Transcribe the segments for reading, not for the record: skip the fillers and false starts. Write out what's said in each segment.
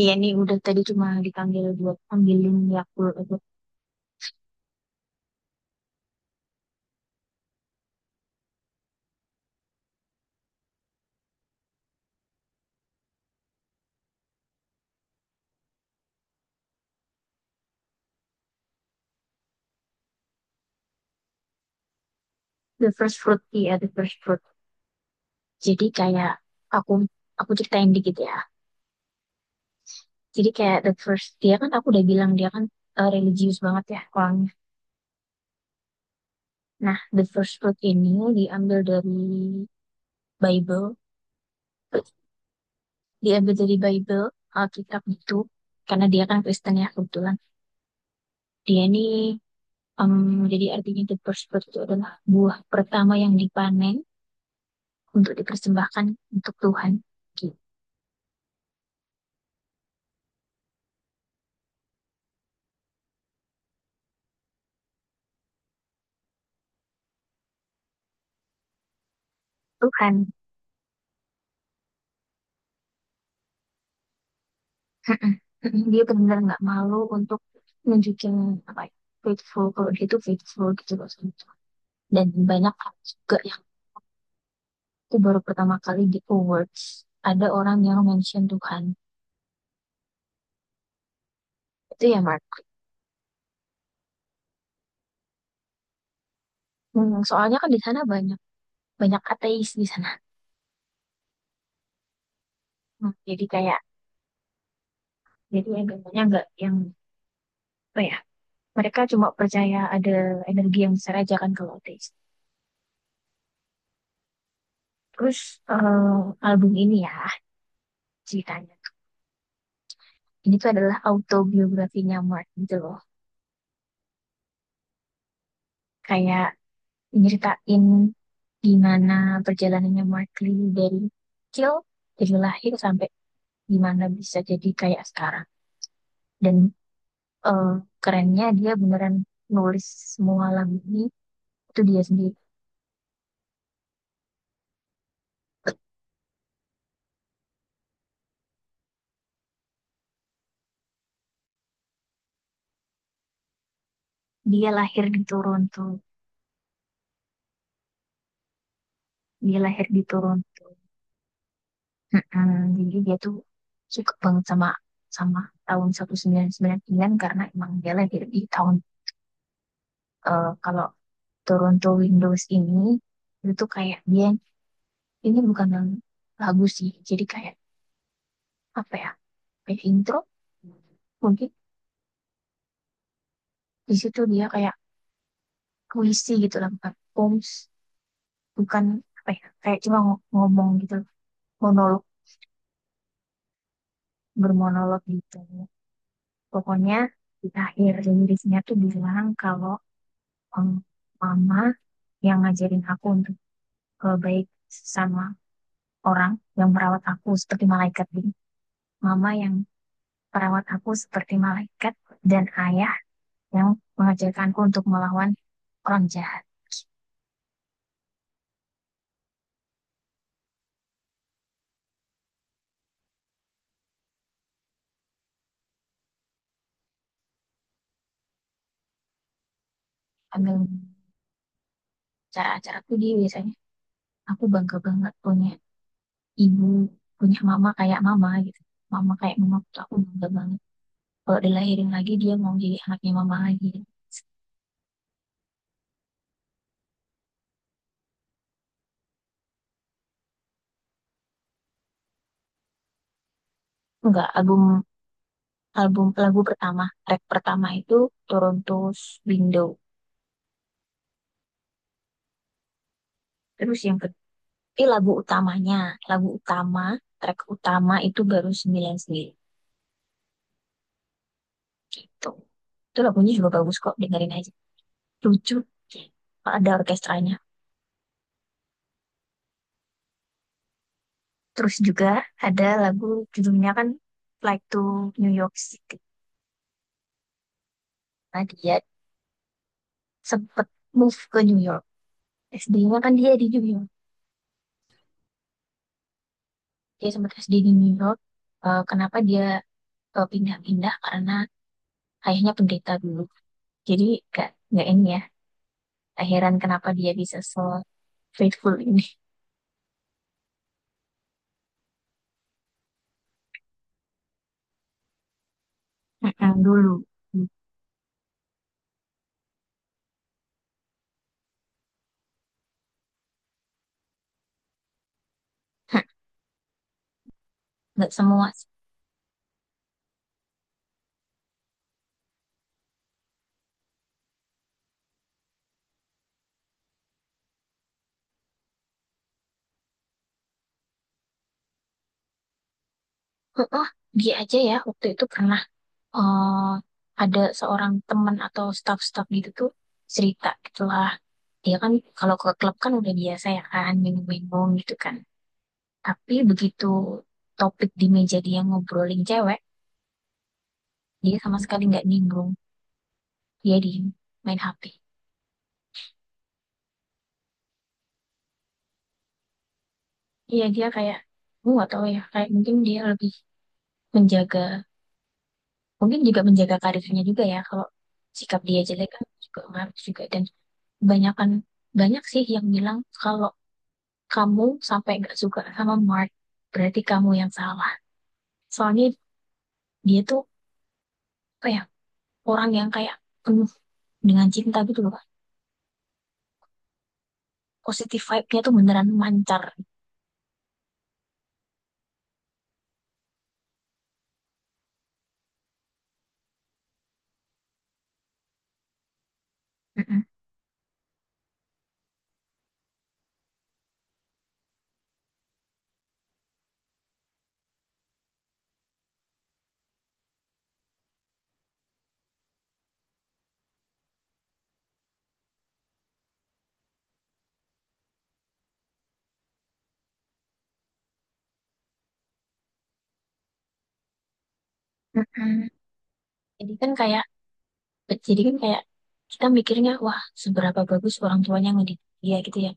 Iya nih, udah tadi cuma dipanggil buat ambilin Yakult itu. The First Fruit, iya, The First Fruit. Jadi kayak, aku aku ceritain dikit ya. Jadi kayak the first dia kan aku udah bilang dia kan religius banget ya orangnya. Nah, The First Fruit ini diambil dari Bible, diambil dari Bible, Alkitab, gitu karena dia kan Kristen ya kebetulan. Dia ini em, jadi artinya the first fruit itu adalah buah pertama yang dipanen untuk dipersembahkan untuk Tuhan. Gitu. Tuhan. Mm-mm. Mm-mm. Dia benar-benar nggak malu untuk nunjukin apa ya, faithful, kalau dia tuh faithful gitu loh sama Tuhan. Dan banyak hal juga yang aku baru pertama kali di awards ada orang yang mention Tuhan, itu ya Mark. Hmm, soalnya kan di sana banyak banyak ateis di sana. Hmm, jadi kayak, jadi agamanya nggak yang apa ya, mereka cuma percaya ada energi yang besar aja kan kalau ateis. Terus eh, album ini ya ceritanya, ini tuh adalah autobiografinya Mark gitu loh. Kayak nyeritain gimana perjalanannya Markley, dari kecil, dari lahir sampai gimana bisa jadi kayak sekarang, dan eh, kerennya dia beneran nulis semua lagu ini itu dia sendiri. Dia lahir di Toronto. Dia lahir di Toronto. Mm-mm. Jadi dia tuh suka banget sama sama tahun 1999 karena emang dia lahir di tahun. Kalau Toronto Windows ini, itu tuh kayak dia, ini bukan lagu sih, jadi kayak apa ya, kayak intro mungkin. Di situ dia kayak puisi gitu lah, bukan poems, bukan apa ya, kayak cuma ngomong gitu, monolog, bermonolog gitu. Pokoknya di akhir liriknya tuh bilang kalau em, mama yang ngajarin aku untuk baik sama orang, yang merawat aku seperti malaikat gitu, mama yang perawat aku seperti malaikat, dan ayah yang mengajarkanku untuk melawan orang jahat. Ambil cara-cara tuh dia biasanya aku bangga banget punya ibu, punya mama kayak mama gitu. Mama kayak mama tuh aku bangga banget. Kalau dilahirin lagi dia mau jadi anaknya mama lagi. Enggak, album album lagu pertama, track pertama itu Toronto's Window. Terus yang kedua, lagu utamanya, lagu utama, track utama itu baru 99 gitu. Itu lagunya juga bagus kok, dengerin aja. Lucu kalau ada orkestranya. Terus juga ada lagu judulnya kan Flight to New York City. Nah, dia sempet move ke New York. SD-nya kan dia di New York. Dia sempet SD di New York. Eh, kenapa dia pindah-pindah? Karena ayahnya pendeta dulu. Jadi gak, nggak ini ya. Gak heran kenapa dia bisa se faithful ini. Mm-mm, dulu. Mm. Nggak semua sih. Mm-mm, dia aja ya waktu itu pernah eh, ada seorang teman atau staff-staff gitu tuh cerita gitulah. Dia kan kalau ke klub kan udah biasa ya kan minum-minum gitu kan. Tapi begitu topik di meja dia ngobrolin cewek, dia sama sekali nggak nimbrung. Dia di main HP. Iya dia kayak, gue nggak tahu ya. Kayak mungkin dia lebih menjaga, mungkin juga menjaga karirnya juga ya, kalau sikap dia jelek kan juga ngaruh juga. Dan kebanyakan, banyak sih yang bilang kalau kamu sampai nggak suka sama Mark berarti kamu yang salah, soalnya dia tuh kayak orang yang kayak penuh dengan cinta gitu loh. Positive vibe-nya tuh beneran mancar. Mm-mm. Mm-mm. jadi kan kayak jadi kan kayak kita mikirnya wah seberapa bagus orang tuanya ngedidik dia gitu ya,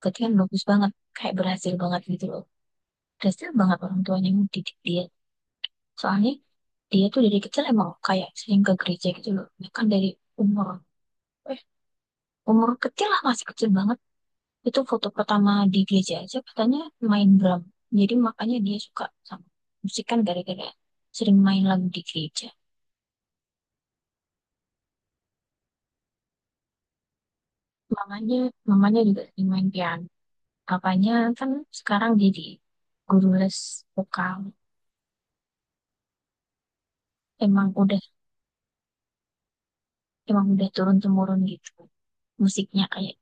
berarti kan bagus banget, kayak berhasil banget gitu loh. Kasihan banget orang tuanya yang didik dia. Soalnya dia tuh dari kecil emang kayak sering ke gereja gitu loh. Bahkan dari umur, eh umur kecil lah, masih kecil banget. Itu foto pertama di gereja aja katanya main drum. Jadi makanya dia suka sama musik kan gara-gara sering main lagu di gereja. Mamanya, mamanya juga sering main piano. Apanya kan sekarang jadi guru les vokal. Emang udah, emang udah turun temurun gitu musiknya kayak.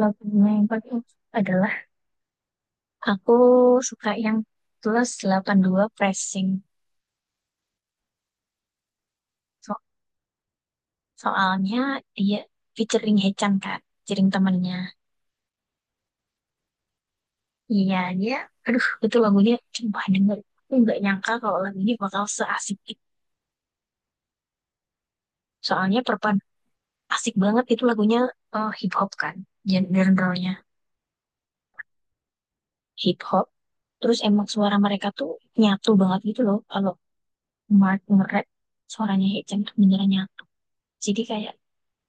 Lagunya yang paling, adalah, aku suka yang +82 pressing. So- Soalnya dia featuring Hechan kan, featuring temennya. Iya, dia, aduh, itu lagunya coba denger. Aku nggak nyangka kalau lagu ini bakal seasik itu. Soalnya asik banget itu lagunya, hip hop kan, genre-nya hip hop. Terus emang suara mereka tuh nyatu banget gitu loh. Kalau Mark nge-rap, suaranya Hechan tuh beneran nyatu. Jadi kayak,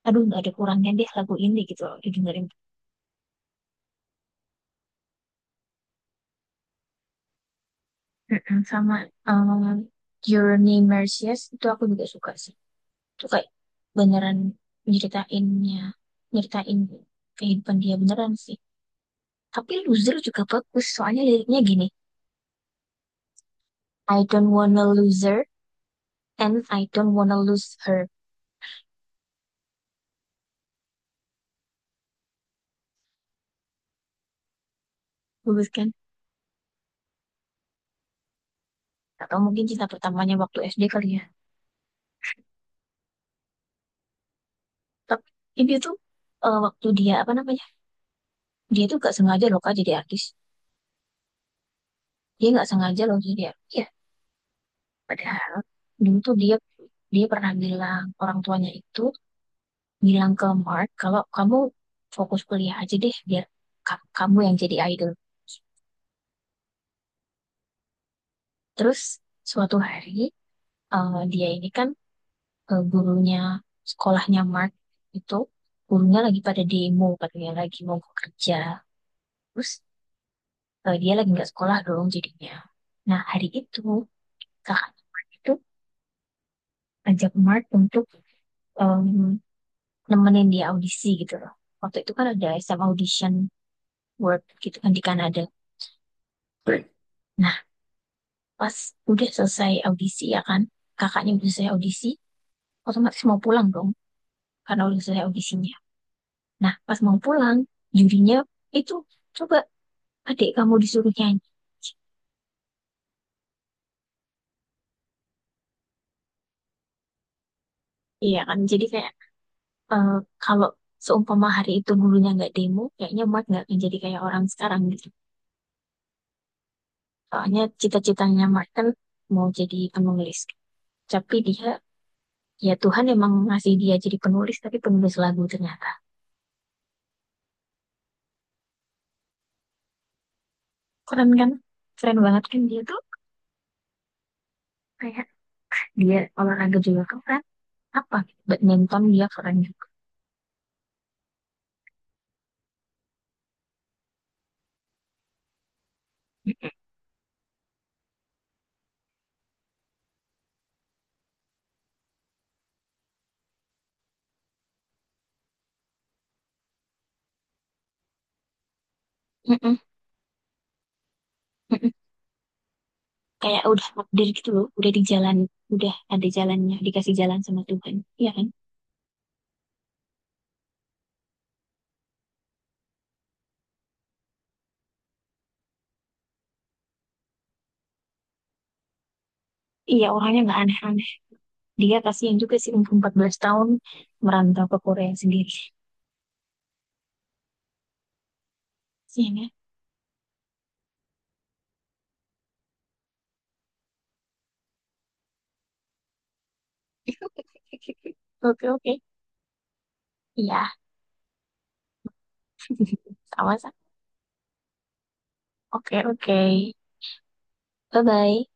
aduh, nggak ada kurangnya deh lagu ini gitu loh, didengerin. Mm-mm, sama eh, Journey Mercies itu aku juga suka sih. Itu kayak beneran nyeritainnya, nyeritain kehidupan dia beneran sih. Tapi Loser juga bagus, soalnya liriknya gini, I don't wanna lose her and I don't wanna lose her. Bagus kan? Atau mungkin cinta pertamanya waktu SD kali ya. Tapi ini tuh waktu dia apa namanya? Dia tuh gak sengaja loh kak jadi artis. Dia gak sengaja loh jadi artis. Ya, padahal dulu tuh dia dia pernah bilang orang tuanya itu bilang ke Mark kalau kamu fokus kuliah aja deh biar kamu yang jadi idol. Terus suatu hari dia ini kan gurunya sekolahnya Mark itu, gurunya lagi pada demo katanya lagi mau kerja. Terus dia lagi nggak sekolah dong jadinya. Nah hari itu kakak itu ajak Mark untuk em, nemenin dia audisi gitu loh. Waktu itu kan ada SM audition work gitu kan di Kanada. Nah, pas udah selesai audisi ya kan, kakaknya udah selesai audisi, otomatis mau pulang dong karena udah selesai audisinya. Nah pas mau pulang, jurinya itu, coba adik kamu disuruh nyanyi. Iya kan? Jadi kayak, eh, kalau seumpama hari itu gurunya nggak demo, kayaknya Mark nggak akan jadi kayak orang sekarang gitu. Soalnya cita-citanya Mark kan mau jadi penulis, tapi dia, ya Tuhan emang ngasih dia jadi penulis, tapi penulis lagu ternyata. Keren kan? Keren banget kan dia tuh. Kayak dia olahraga juga keren, apa, badminton dia keren juga. Mm-mm, mm-mm. Kayak udah takdir gitu loh, udah di jalan, udah ada jalannya, dikasih jalan sama Tuhan, iya kan? Iya, orangnya nggak aneh-aneh. Dia kasihan juga sih, umur 14 tahun merantau ke Korea sendiri. Kasihan ya. Oke, oke. Iya, sama-sama. Oke, oke. Bye-bye.